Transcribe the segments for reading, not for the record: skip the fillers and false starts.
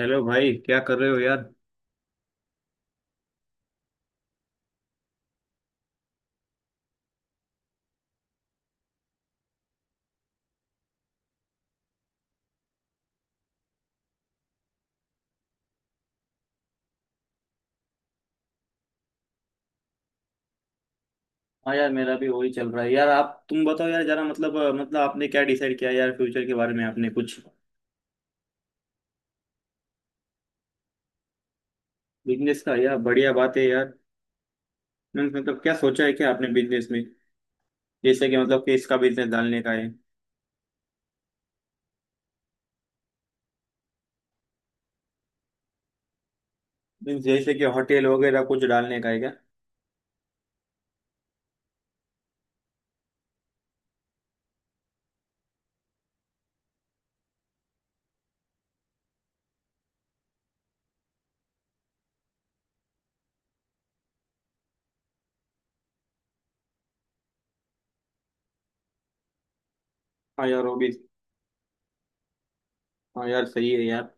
Hello भाई, क्या कर रहे हो यार? हाँ यार, मेरा भी वही चल रहा है यार। आप तुम बताओ यार, जरा मतलब मतलब आपने क्या डिसाइड किया यार फ्यूचर के बारे में? आपने कुछ बिजनेस का? यार बढ़िया बात है यार। मीन्स मतलब क्या सोचा है क्या आपने बिजनेस में? जैसे कि मतलब कि इसका बिजनेस डालने का है? मीन्स जैसे कि होटल वगैरह कुछ डालने का है क्या? हाँ यार वो भी। हाँ यार सही है यार।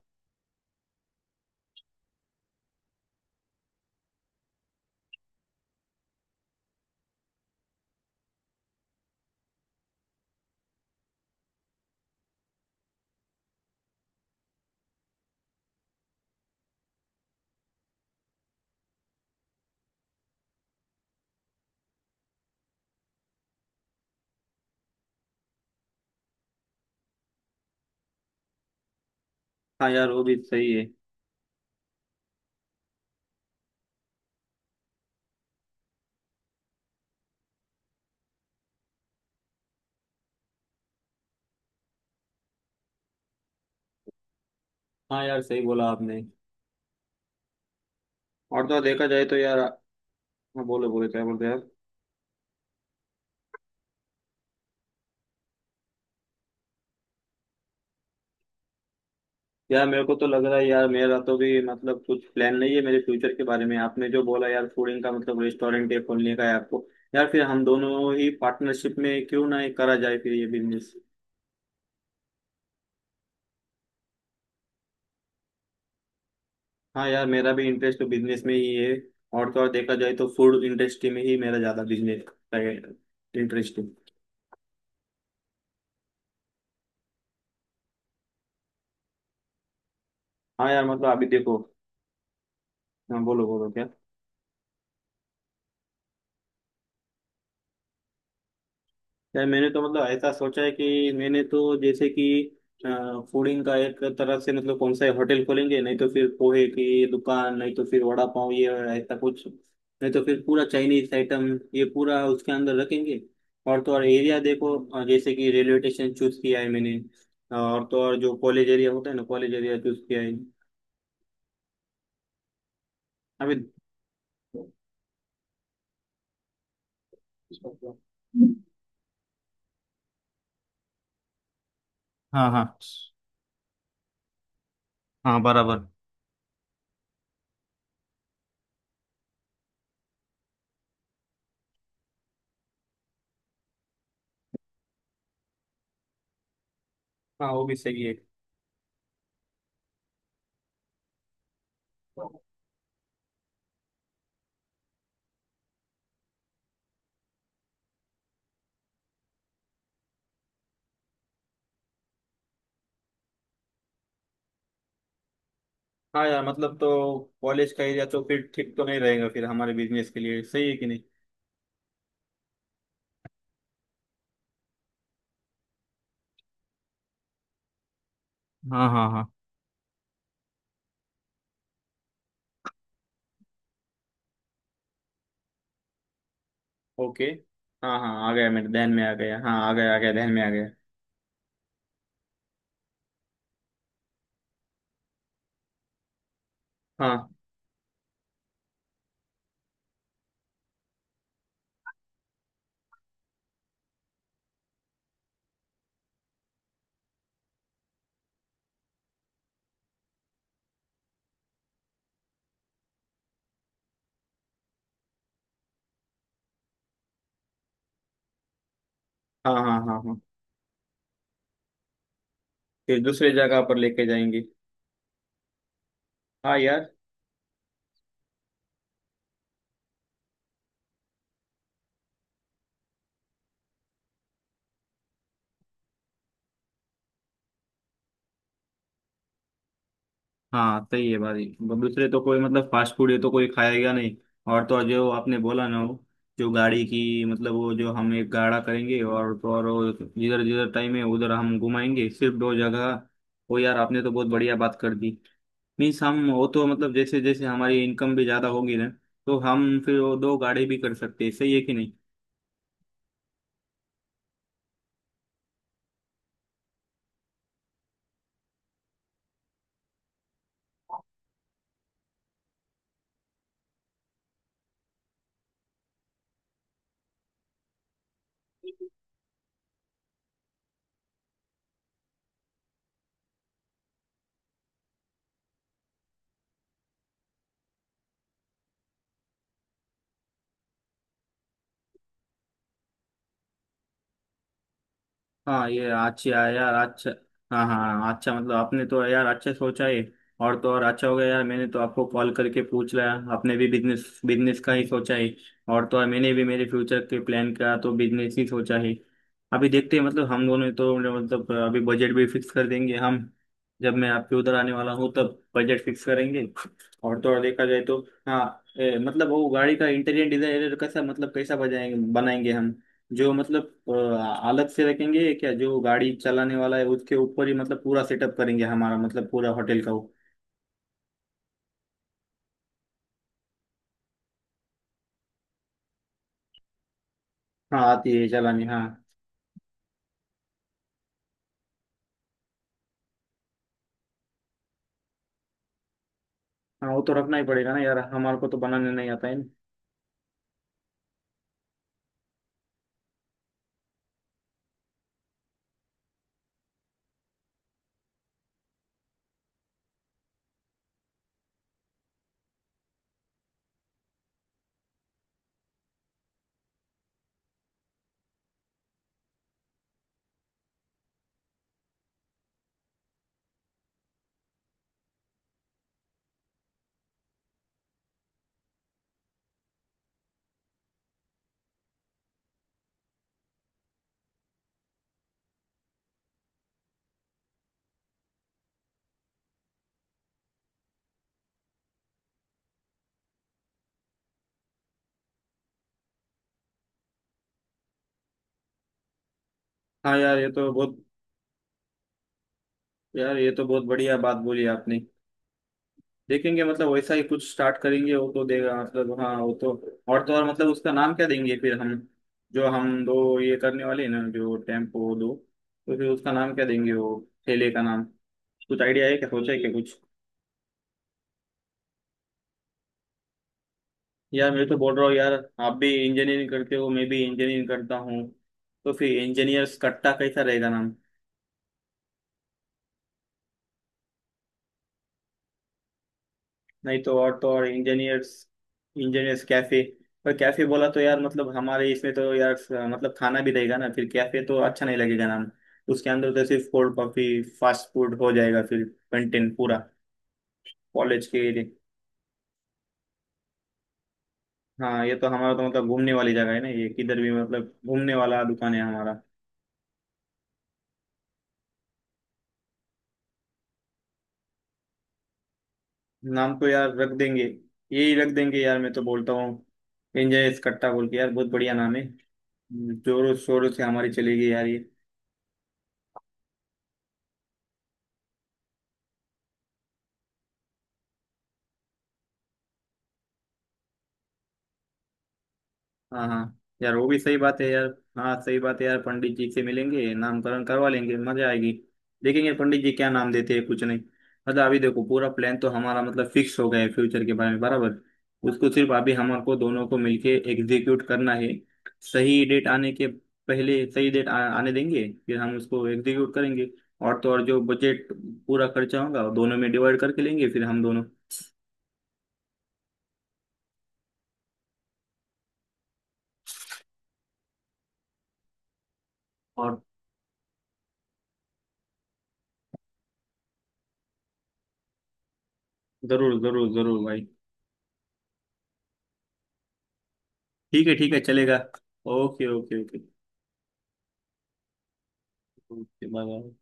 हाँ यार वो भी सही है। हाँ यार सही बोला आपने। और तो और देखा जाए तो यार। हाँ बोलो बोलो, क्या बोलते हैं यार। यार मेरे को तो लग रहा है यार, मेरा तो भी मतलब कुछ प्लान नहीं है मेरे फ्यूचर के बारे में। आपने जो बोला यार फूडिंग का, मतलब रेस्टोरेंट है खोलने का है आपको? यार फिर हम दोनों ही पार्टनरशिप में क्यों ना ये करा जाए फिर ये बिजनेस। हाँ यार मेरा भी इंटरेस्ट तो बिजनेस में ही है। और तो और देखा जाए तो फूड इंडस्ट्री में ही मेरा ज्यादा बिजनेस का इंटरेस्ट है। हाँ यार मतलब अभी देखो। हाँ बोलो बोलो क्या। यार मैंने तो मतलब ऐसा सोचा है कि मैंने तो जैसे कि फूडिंग का एक तरह से, मतलब कौन सा होटल खोलेंगे, नहीं तो फिर पोहे की दुकान, नहीं तो फिर वड़ा पाव, ये ऐसा कुछ, नहीं तो फिर पूरा चाइनीज आइटम ये पूरा उसके अंदर रखेंगे। और तो और एरिया देखो, जैसे कि रेलवे स्टेशन चूज किया है मैंने। और तो और जो कॉलेज एरिया होता है ना, कॉलेज एरिया चूज किया है। अभी हाँ हाँ। हाँ बराबर। हाँ वो भी सही है। हाँ यार मतलब तो कॉलेज का एरिया तो फिर ठीक तो नहीं रहेगा फिर, हमारे बिजनेस के लिए सही है कि नहीं? हाँ हाँ हाँ। ओके। हाँ हाँ, आ गया मेरे ध्यान में, आ गया, हाँ आ गया, आ गया ध्यान में आ गया। हाँ हाँ हाँ हाँ। हाँ, फिर दूसरे जगह पर लेके जाएंगे। हाँ यार। हाँ सही है भाई। दूसरे तो कोई, मतलब फास्ट फूड है तो कोई खाएगा नहीं। और तो और जो आपने बोला ना वो, जो गाड़ी की मतलब, वो जो हम एक गाड़ा करेंगे, और तो और वो जिधर जिधर टाइम है उधर हम घुमाएंगे सिर्फ दो जगह। वो यार आपने तो बहुत बढ़िया बात कर दी। मीन्स हम वो तो मतलब जैसे जैसे हमारी इनकम भी ज्यादा होगी ना, तो हम फिर वो दो गाड़ी भी कर सकते हैं, सही है कि नहीं? हाँ ये अच्छा है यार, अच्छा। हाँ हाँ हाँ, अच्छा मतलब आपने तो यार अच्छे सोचा है। और तो और अच्छा हो गया यार, मैंने तो आपको कॉल करके पूछ लिया, आपने भी बिजनेस बिजनेस का ही सोचा है। और तो और मैंने भी मेरे फ्यूचर के प्लान का तो बिजनेस ही सोचा है। अभी देखते हैं मतलब हम दोनों तो मतलब अभी बजट भी फिक्स कर देंगे हम, जब मैं आपके उधर आने वाला हूँ तब बजट फिक्स करेंगे। और तो और देखा जाए तो हाँ मतलब वो गाड़ी का इंटीरियर डिजाइन कैसा, मतलब कैसा बजाएंगे बनाएंगे हम? जो मतलब अलग से रखेंगे क्या, जो गाड़ी चलाने वाला है उसके ऊपर ही मतलब पूरा सेटअप करेंगे हमारा, मतलब पूरा होटल का वो। हाँ आती है चलाने हाँ। हाँ वो तो रखना ही पड़ेगा ना यार, हमारे को तो बनाने नहीं आता है ना। हाँ यार ये तो बहुत, यार ये तो बहुत बढ़िया बात बोली आपने। देखेंगे मतलब वैसा ही कुछ स्टार्ट करेंगे, वो तो देगा मतलब, हाँ वो तो। और तो और मतलब उसका नाम क्या देंगे फिर हम, जो हम दो ये करने वाले हैं ना, जो टेम्पो दो, तो फिर उसका नाम क्या देंगे वो, ठेले का नाम? कुछ आइडिया है क्या, सोचा है क्या कुछ? यार मैं तो बोल रहा हूँ यार, आप भी इंजीनियरिंग करते हो, मैं भी इंजीनियरिंग करता हूँ, तो फिर इंजीनियर्स कट्टा कैसा रहेगा नाम? नहीं तो और तो और इंजीनियर्स, इंजीनियर्स कैफे। पर कैफे बोला तो यार, मतलब हमारे इसमें तो यार मतलब खाना भी रहेगा ना, फिर कैफे तो अच्छा नहीं लगेगा नाम। उसके अंदर तो सिर्फ कोल्ड कॉफी फास्ट फूड हो जाएगा फिर कंटेंट पूरा, कॉलेज के एरिया। हाँ ये तो हमारा तो मतलब घूमने वाली जगह है ना ये, किधर भी मतलब घूमने वाला दुकान है हमारा। नाम को यार रख देंगे। यही रख देंगे यार, मैं तो बोलता हूँ एंजॉय कट्टा बोल के, यार बहुत बढ़िया नाम है, जोरों शोरों से हमारी चलेगी यार ये। हाँ हाँ यार वो भी सही बात है यार। हाँ सही बात है यार, पंडित जी से मिलेंगे, नामकरण करवा लेंगे, मजा आएगी। देखेंगे पंडित जी क्या नाम देते हैं। कुछ नहीं मतलब अभी देखो, पूरा प्लान तो हमारा मतलब फिक्स हो गया है फ्यूचर के बारे में, बराबर। उसको सिर्फ अभी हमारे दोनों को मिलके एग्जीक्यूट करना है। सही डेट आने के पहले, सही डेट आने देंगे, फिर हम उसको एग्जीक्यूट करेंगे। और तो और जो बजट पूरा खर्चा होगा वो दोनों में डिवाइड करके लेंगे फिर हम दोनों। और जरूर जरूर जरूर भाई। ठीक है चलेगा। Okay okay okay. Get my love.